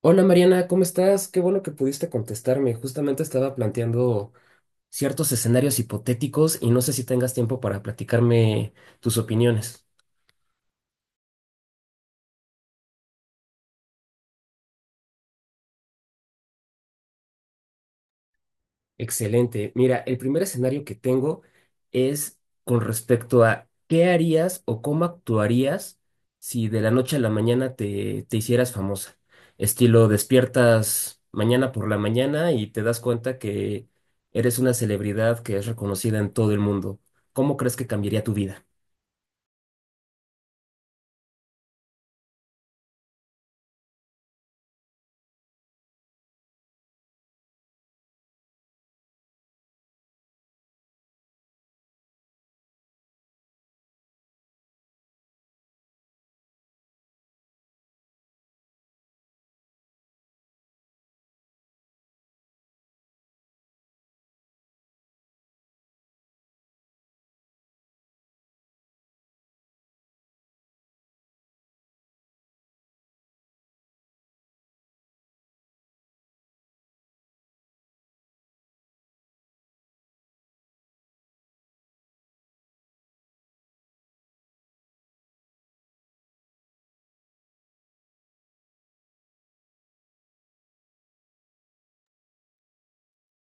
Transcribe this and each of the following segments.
Hola Mariana, ¿cómo estás? Qué bueno que pudiste contestarme. Justamente estaba planteando ciertos escenarios hipotéticos y no sé si tengas tiempo para platicarme tus opiniones. Excelente. Mira, el primer escenario que tengo es con respecto a qué harías o cómo actuarías si de la noche a la mañana te hicieras famosa. Estilo, despiertas mañana por la mañana y te das cuenta que eres una celebridad que es reconocida en todo el mundo. ¿Cómo crees que cambiaría tu vida?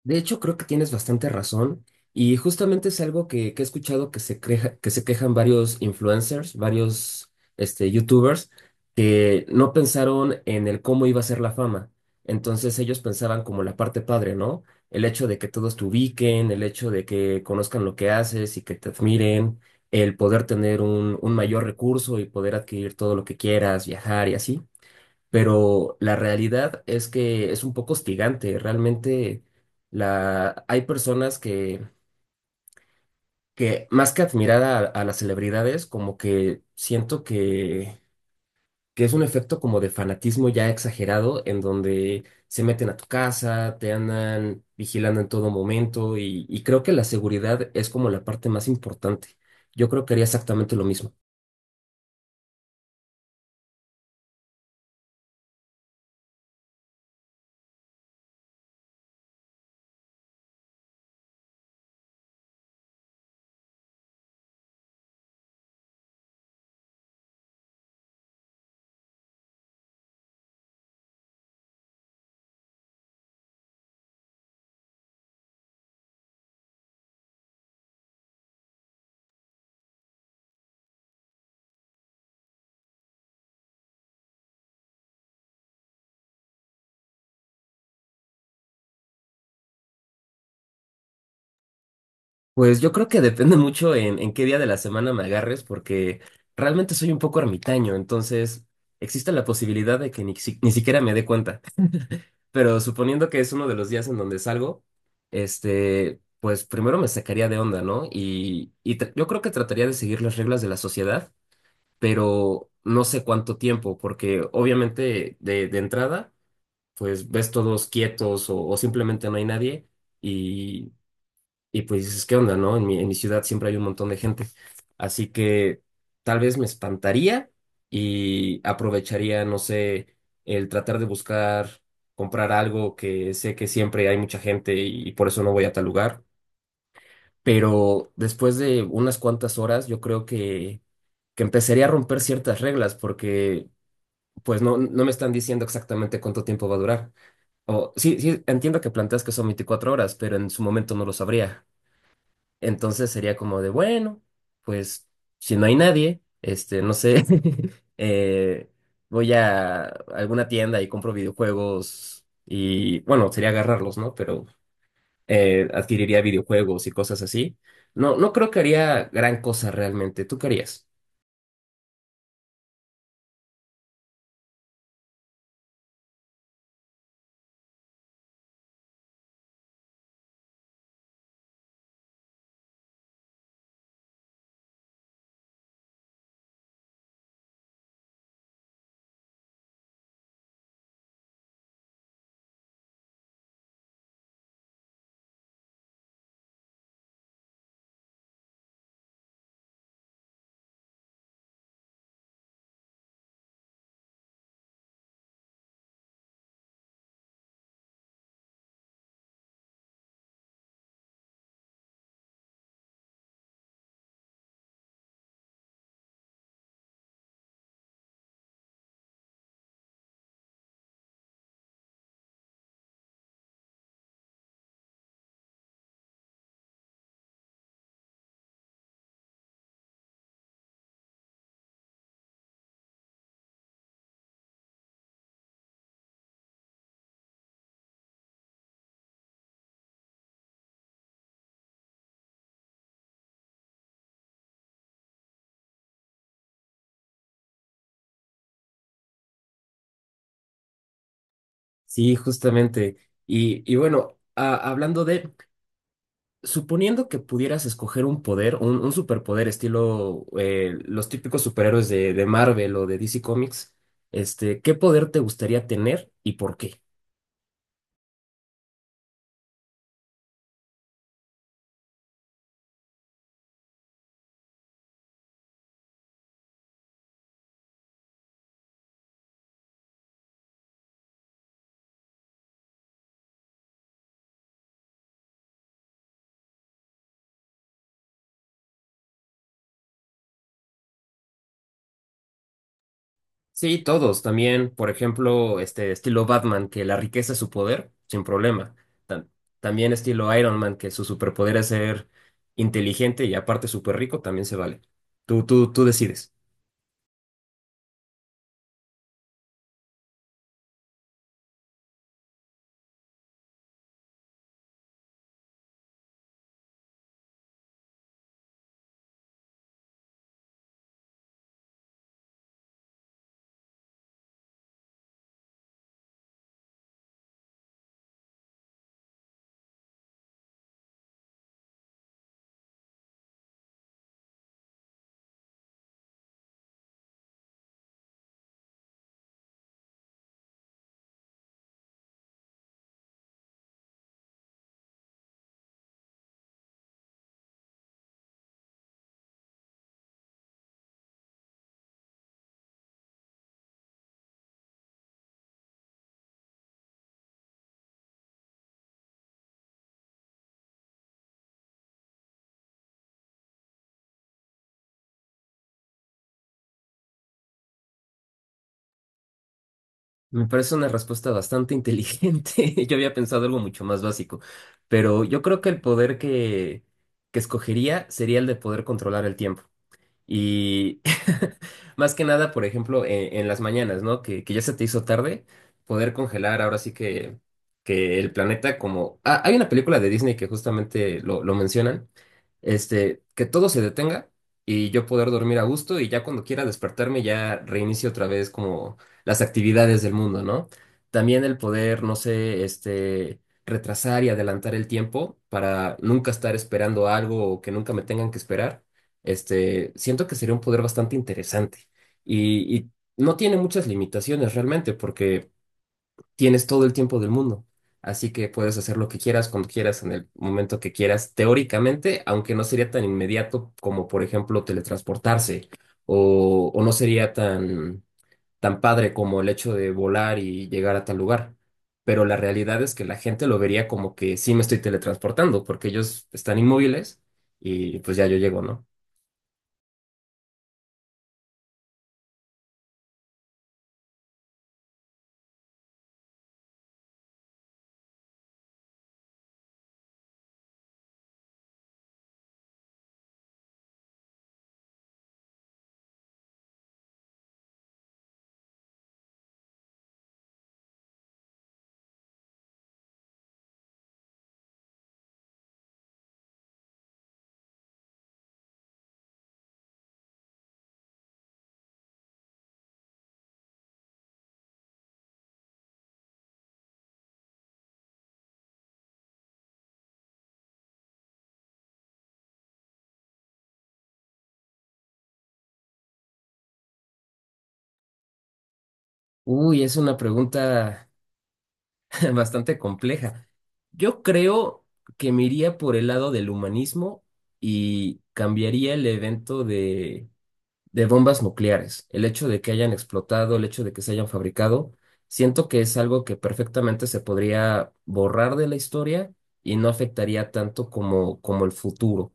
De hecho, creo que tienes bastante razón y justamente es algo que he escuchado que que se quejan varios influencers, varios YouTubers que no pensaron en el cómo iba a ser la fama. Entonces ellos pensaban como la parte padre, ¿no? El hecho de que todos te ubiquen, el hecho de que conozcan lo que haces y que te admiren, el poder tener un mayor recurso y poder adquirir todo lo que quieras, viajar y así, pero la realidad es que es un poco hostigante. Realmente hay personas que más que admirar a las celebridades, como que siento que es un efecto como de fanatismo ya exagerado, en donde se meten a tu casa, te andan vigilando en todo momento y creo que la seguridad es como la parte más importante. Yo creo que haría exactamente lo mismo. Pues yo creo que depende mucho en qué día de la semana me agarres, porque realmente soy un poco ermitaño, entonces existe la posibilidad de que ni siquiera me dé cuenta. Pero suponiendo que es uno de los días en donde salgo, pues primero me sacaría de onda, ¿no? Yo creo que trataría de seguir las reglas de la sociedad, pero no sé cuánto tiempo, porque obviamente de entrada, pues ves todos quietos o simplemente no hay nadie. Y pues dices, ¿qué onda, no? En mi ciudad siempre hay un montón de gente. Así que tal vez me espantaría y aprovecharía, no sé, el tratar de buscar, comprar algo que sé que siempre hay mucha gente y por eso no voy a tal lugar. Pero después de unas cuantas horas, yo creo que empezaría a romper ciertas reglas porque pues no, no me están diciendo exactamente cuánto tiempo va a durar. O sí, sí, entiendo que planteas que son 24 horas, pero en su momento no lo sabría. Entonces sería como de, bueno, pues si no hay nadie, no sé, eh, voy a alguna tienda y compro videojuegos y bueno, sería agarrarlos, ¿no? Pero adquiriría videojuegos y cosas así. No, no creo que haría gran cosa realmente. ¿Tú qué harías? Sí, justamente. Y bueno, hablando de, suponiendo que pudieras escoger un poder, un superpoder estilo los típicos superhéroes de Marvel o de DC Comics, ¿qué poder te gustaría tener y por qué? Sí, todos. También, por ejemplo, este estilo Batman, que la riqueza es su poder, sin problema. Tam- también estilo Iron Man, que su superpoder es ser inteligente y aparte súper rico, también se vale. Tú decides. Me parece una respuesta bastante inteligente. Yo había pensado algo mucho más básico, pero yo creo que el poder que escogería sería el de poder controlar el tiempo. Y más que nada, por ejemplo, en las mañanas, ¿no? Que ya se te hizo tarde, poder congelar ahora sí que el planeta como... Ah, hay una película de Disney que justamente lo mencionan, que todo se detenga y yo poder dormir a gusto y ya cuando quiera despertarme ya reinicio otra vez como las actividades del mundo, ¿no? También el poder, no sé, retrasar y adelantar el tiempo para nunca estar esperando algo o que nunca me tengan que esperar, siento que sería un poder bastante interesante. Y no tiene muchas limitaciones realmente, porque tienes todo el tiempo del mundo. Así que puedes hacer lo que quieras, cuando quieras, en el momento que quieras, teóricamente, aunque no sería tan inmediato como, por ejemplo, teletransportarse, o no sería tan, tan padre como el hecho de volar y llegar a tal lugar. Pero la realidad es que la gente lo vería como que sí me estoy teletransportando, porque ellos están inmóviles y pues ya yo llego, ¿no? Uy, es una pregunta bastante compleja. Yo creo que me iría por el lado del humanismo y cambiaría el evento de bombas nucleares. El hecho de que hayan explotado, el hecho de que se hayan fabricado, siento que es algo que perfectamente se podría borrar de la historia y no afectaría tanto como, como el futuro,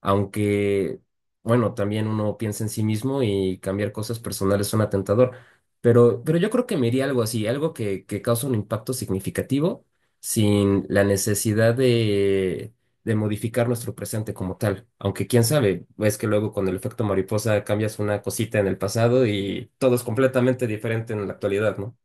aunque, bueno, también uno piensa en sí mismo y cambiar cosas personales suena tentador, pero yo creo que me iría algo así, algo que causa un impacto significativo sin la necesidad de modificar nuestro presente como tal, aunque quién sabe, es que luego con el efecto mariposa cambias una cosita en el pasado y todo es completamente diferente en la actualidad, ¿no?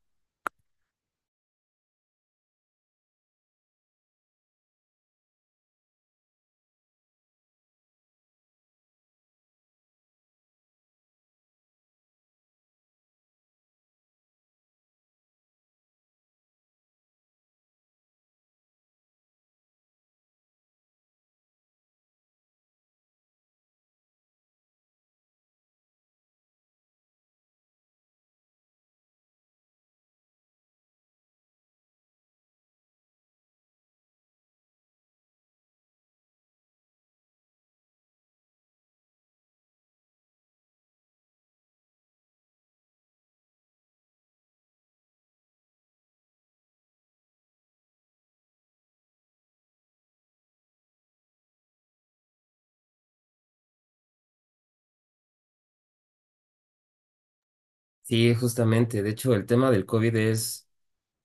Sí, justamente, de hecho el tema del COVID es...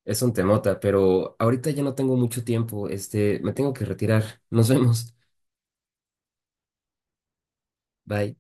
Es un temota, pero ahorita ya no tengo mucho tiempo. Este, me tengo que retirar. Nos vemos. Bye.